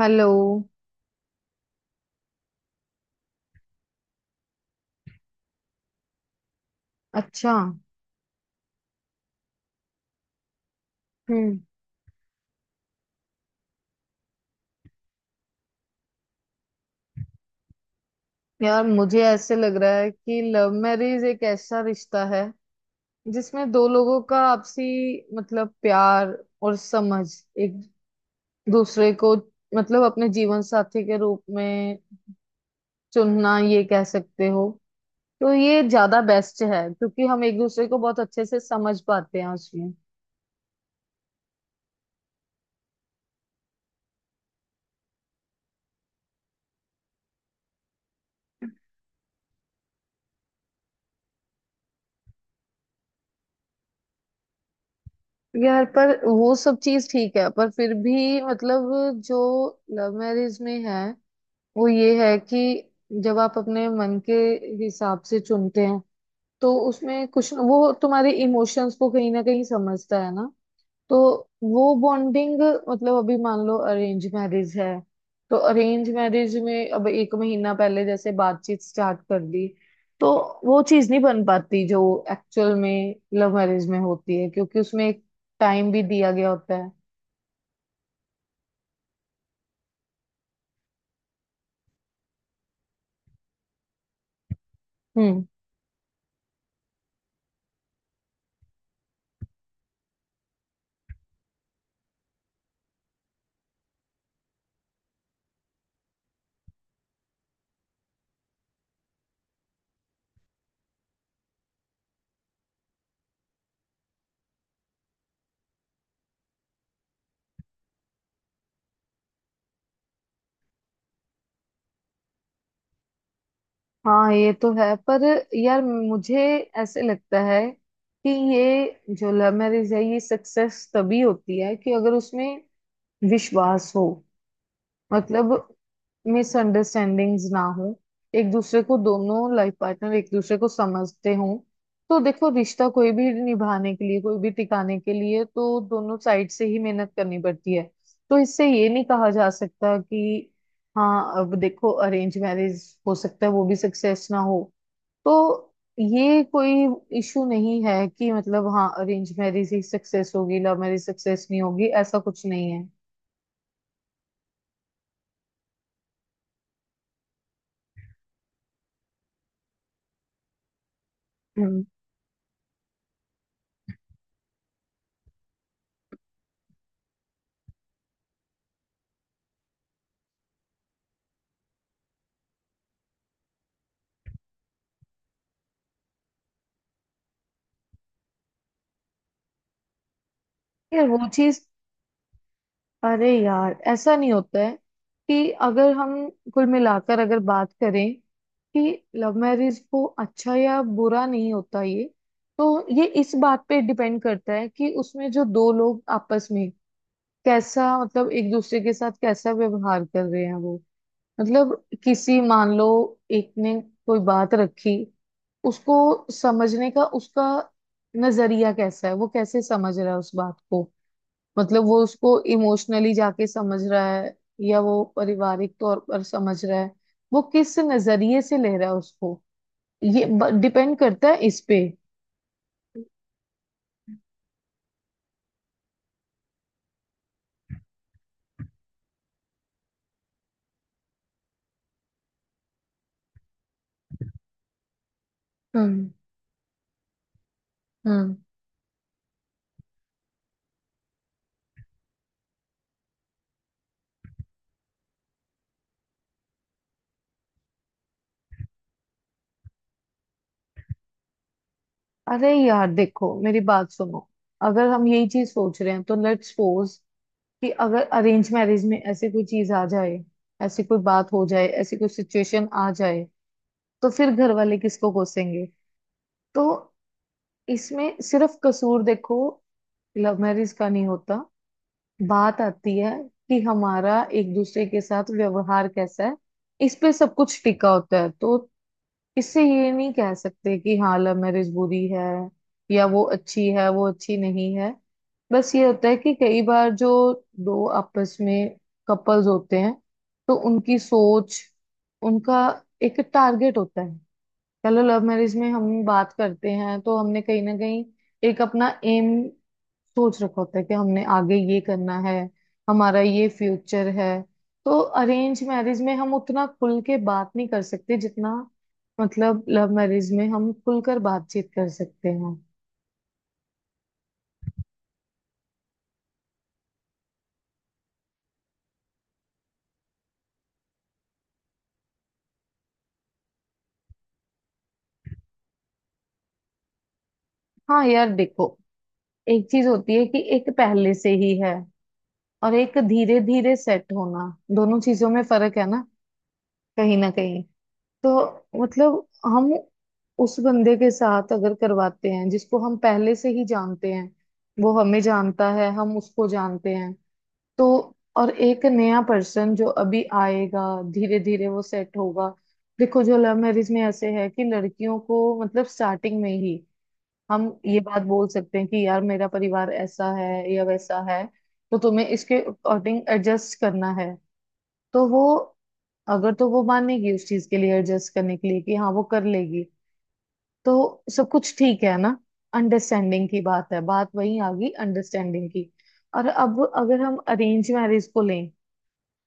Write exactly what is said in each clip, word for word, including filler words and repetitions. Hello. अच्छा। हम्म। यार मुझे ऐसे लग रहा है कि लव मैरिज एक ऐसा रिश्ता है जिसमें दो लोगों का आपसी मतलब प्यार और समझ एक दूसरे को मतलब अपने जीवन साथी के रूप में चुनना ये कह सकते हो। तो ये ज्यादा बेस्ट है क्योंकि हम एक दूसरे को बहुत अच्छे से समझ पाते हैं उसमें। यार पर वो सब चीज ठीक है पर फिर भी मतलब जो लव मैरिज में है वो ये है कि जब आप अपने मन के हिसाब से चुनते हैं तो उसमें कुछ न, वो तुम्हारे इमोशंस को कहीं ना कहीं समझता है ना। तो वो बॉन्डिंग मतलब अभी मान लो अरेंज मैरिज है। तो अरेंज मैरिज में अब एक महीना पहले जैसे बातचीत स्टार्ट कर दी तो वो चीज नहीं बन पाती जो एक्चुअल में लव मैरिज में होती है क्योंकि उसमें एक टाइम भी दिया गया होता है। हम्म। हाँ ये तो है पर यार मुझे ऐसे लगता है कि ये जो लव मैरिज है ये सक्सेस तभी होती है कि अगर उसमें विश्वास हो मतलब मिसअंडरस्टैंडिंग्स ना हो एक दूसरे को दोनों लाइफ पार्टनर एक दूसरे को समझते हों। तो देखो रिश्ता कोई भी निभाने के लिए कोई भी टिकाने के लिए तो दोनों साइड से ही मेहनत करनी पड़ती है। तो इससे ये नहीं कहा जा सकता कि हाँ अब देखो अरेंज मैरिज हो सकता है वो भी सक्सेस ना हो। तो ये कोई इशू नहीं है कि मतलब हाँ अरेंज मैरिज ही सक्सेस होगी लव मैरिज सक्सेस नहीं होगी ऐसा कुछ नहीं है। हम्म। यार वो चीज अरे यार ऐसा नहीं होता है कि अगर हम कुल मिलाकर अगर बात करें कि लव मैरिज को अच्छा या बुरा नहीं होता ये। तो ये इस बात पे डिपेंड करता है कि उसमें जो दो लोग आपस में कैसा मतलब एक दूसरे के साथ कैसा व्यवहार कर रहे हैं वो मतलब किसी मान लो एक ने कोई बात रखी उसको समझने का उसका नजरिया कैसा है वो कैसे समझ रहा है उस बात को मतलब वो उसको इमोशनली जाके समझ रहा है या वो पारिवारिक तौर पर समझ रहा है वो किस नजरिए से ले रहा है उसको। ये डिपेंड करता है इस पे। हम्म हम्म। अरे यार देखो मेरी बात सुनो। अगर हम यही चीज सोच रहे हैं तो लेट्स सपोज कि अगर अरेंज मैरिज में ऐसे कोई चीज आ जाए ऐसी कोई बात हो जाए ऐसी कोई सिचुएशन आ जाए तो फिर घर वाले किसको कोसेंगे। तो इसमें सिर्फ कसूर देखो लव मैरिज का नहीं होता। बात आती है कि हमारा एक दूसरे के साथ व्यवहार कैसा है इस पे सब कुछ टिका होता है। तो इससे ये नहीं कह सकते कि हाँ लव मैरिज बुरी है या वो अच्छी है वो अच्छी नहीं है। बस ये होता है कि कई बार जो दो आपस में कपल्स होते हैं तो उनकी सोच उनका एक टारगेट होता है। चलो लव मैरिज में हम बात करते हैं तो हमने कहीं ना कहीं एक अपना एम सोच रखा होता है कि हमने आगे ये करना है हमारा ये फ्यूचर है। तो अरेंज मैरिज में हम उतना खुल के बात नहीं कर सकते जितना मतलब लव मैरिज में हम खुलकर बातचीत कर सकते हैं। हाँ यार देखो एक चीज होती है कि एक पहले से ही है और एक धीरे धीरे सेट होना दोनों चीजों में फर्क है ना कहीं ना कहीं। तो मतलब हम उस बंदे के साथ अगर करवाते हैं जिसको हम पहले से ही जानते हैं वो हमें जानता है हम उसको जानते हैं। तो और एक नया पर्सन जो अभी आएगा धीरे धीरे वो सेट होगा। देखो जो लव मैरिज में ऐसे है कि लड़कियों को मतलब स्टार्टिंग में ही हम ये बात बोल सकते हैं कि यार मेरा परिवार ऐसा है या वैसा है तो तुम्हें इसके अकॉर्डिंग एडजस्ट करना है। तो वो अगर तो वो मानेगी उस चीज के लिए एडजस्ट करने के लिए कि हाँ वो कर लेगी तो सब कुछ ठीक है ना। अंडरस्टैंडिंग की बात है बात वही आ गई अंडरस्टैंडिंग की। और अब अगर हम अरेंज मैरिज को लें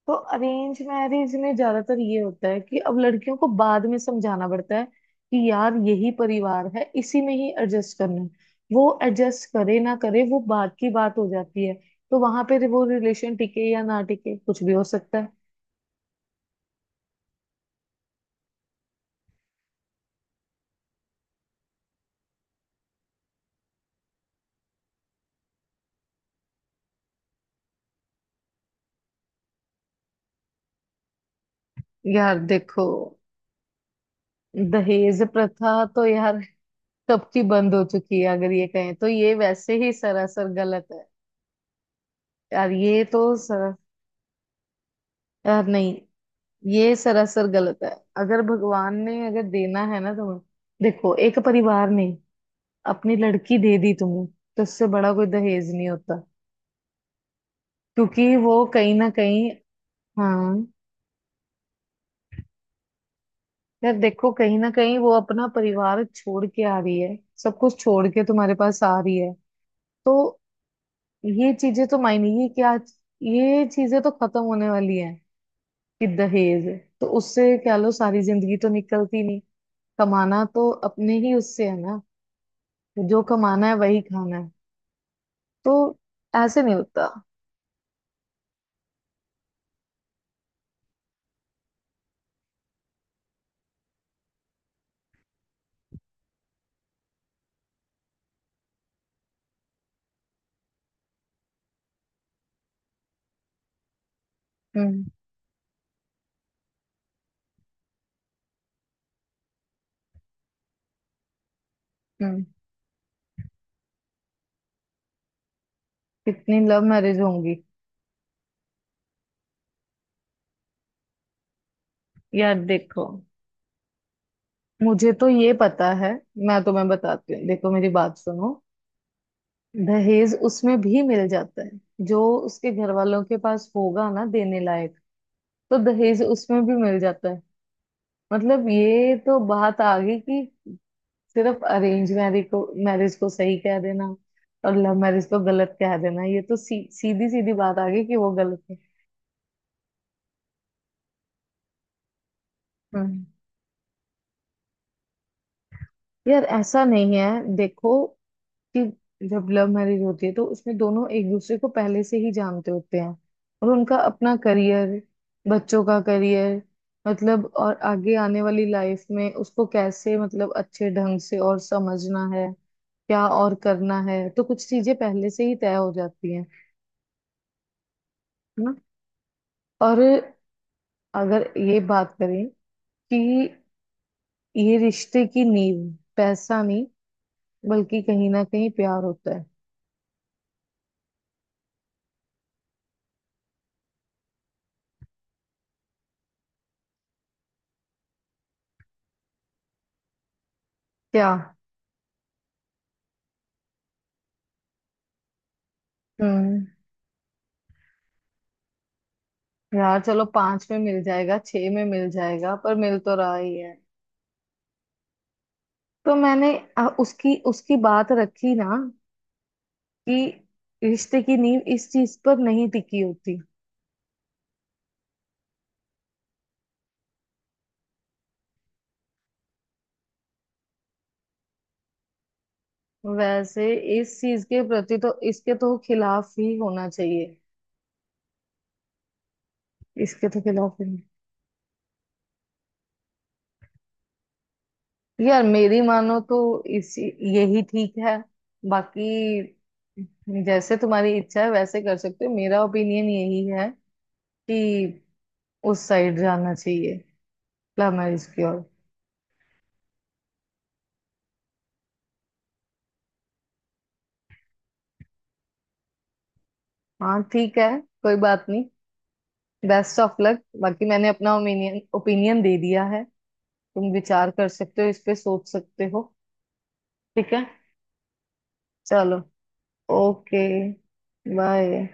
तो अरेंज मैरिज में ज्यादातर ये होता है कि अब लड़कियों को बाद में समझाना पड़ता है कि यार यही परिवार है इसी में ही एडजस्ट करना है। वो एडजस्ट करे ना करे वो बात की बात हो जाती है। तो वहां पे वो रिलेशन टिके या ना टिके कुछ भी हो सकता है। यार देखो दहेज प्रथा तो यार कब की बंद हो चुकी है अगर ये कहें तो ये वैसे ही सरासर गलत है। यार ये तो सरा यार नहीं, ये सरासर गलत है। अगर भगवान ने अगर देना है ना तुम्हें देखो एक परिवार ने अपनी लड़की दे दी तुम्हें तो उससे बड़ा कोई दहेज नहीं होता। क्योंकि वो कहीं ना कहीं हाँ यार देखो कहीं ना कहीं वो अपना परिवार छोड़ के आ रही है सब कुछ छोड़ के तुम्हारे पास आ रही है। तो ये चीजें तो मायने ये क्या ये चीजें तो खत्म होने वाली हैं कि दहेज। तो उससे क्या लो सारी जिंदगी तो निकलती नहीं कमाना तो अपने ही उससे है ना। जो कमाना है वही खाना है। तो ऐसे नहीं होता। हम्म हम्म। कितनी लव मैरिज होंगी। यार देखो मुझे तो ये पता है। मैं तुम्हें बताती हूँ देखो मेरी बात सुनो। दहेज उसमें भी मिल जाता है जो उसके घर वालों के पास होगा ना देने लायक। तो दहेज उसमें भी मिल जाता है। मतलब ये तो बात आ गई कि सिर्फ अरेंज मैरिज को मैरिज को सही कह देना और लव मैरिज को गलत कह देना ये तो सी, सीधी सीधी बात आ गई कि वो गलत है। हम्म। यार ऐसा नहीं है देखो कि जब लव मैरिज होती है तो उसमें दोनों एक दूसरे को पहले से ही जानते होते हैं और उनका अपना करियर बच्चों का करियर मतलब और आगे आने वाली लाइफ में उसको कैसे मतलब अच्छे ढंग से और समझना है क्या और करना है तो कुछ चीजें पहले से ही तय हो जाती हैं है ना। और अगर ये बात करें कि ये रिश्ते की नींव पैसा नहीं बल्कि कहीं ना कहीं प्यार होता है। क्या। हम्म। यार चलो पांच में मिल जाएगा छह में मिल जाएगा पर मिल तो रहा ही है। तो मैंने अ, उसकी उसकी बात रखी ना कि रिश्ते की नींव इस चीज पर नहीं टिकी होती। वैसे इस चीज के प्रति तो इसके तो खिलाफ ही होना चाहिए। इसके तो खिलाफ ही नहीं। यार मेरी मानो तो इस यही ठीक है बाकी जैसे तुम्हारी इच्छा है वैसे कर सकते हो मेरा ओपिनियन यही है कि उस साइड जाना चाहिए लव मैरिज की ओर। हाँ ठीक है कोई बात नहीं। बेस्ट ऑफ लक बाकी मैंने अपना ओपिनियन ओपिनियन दे दिया है। तुम विचार कर सकते हो इस पे सोच सकते हो। ठीक है चलो। Okay bye.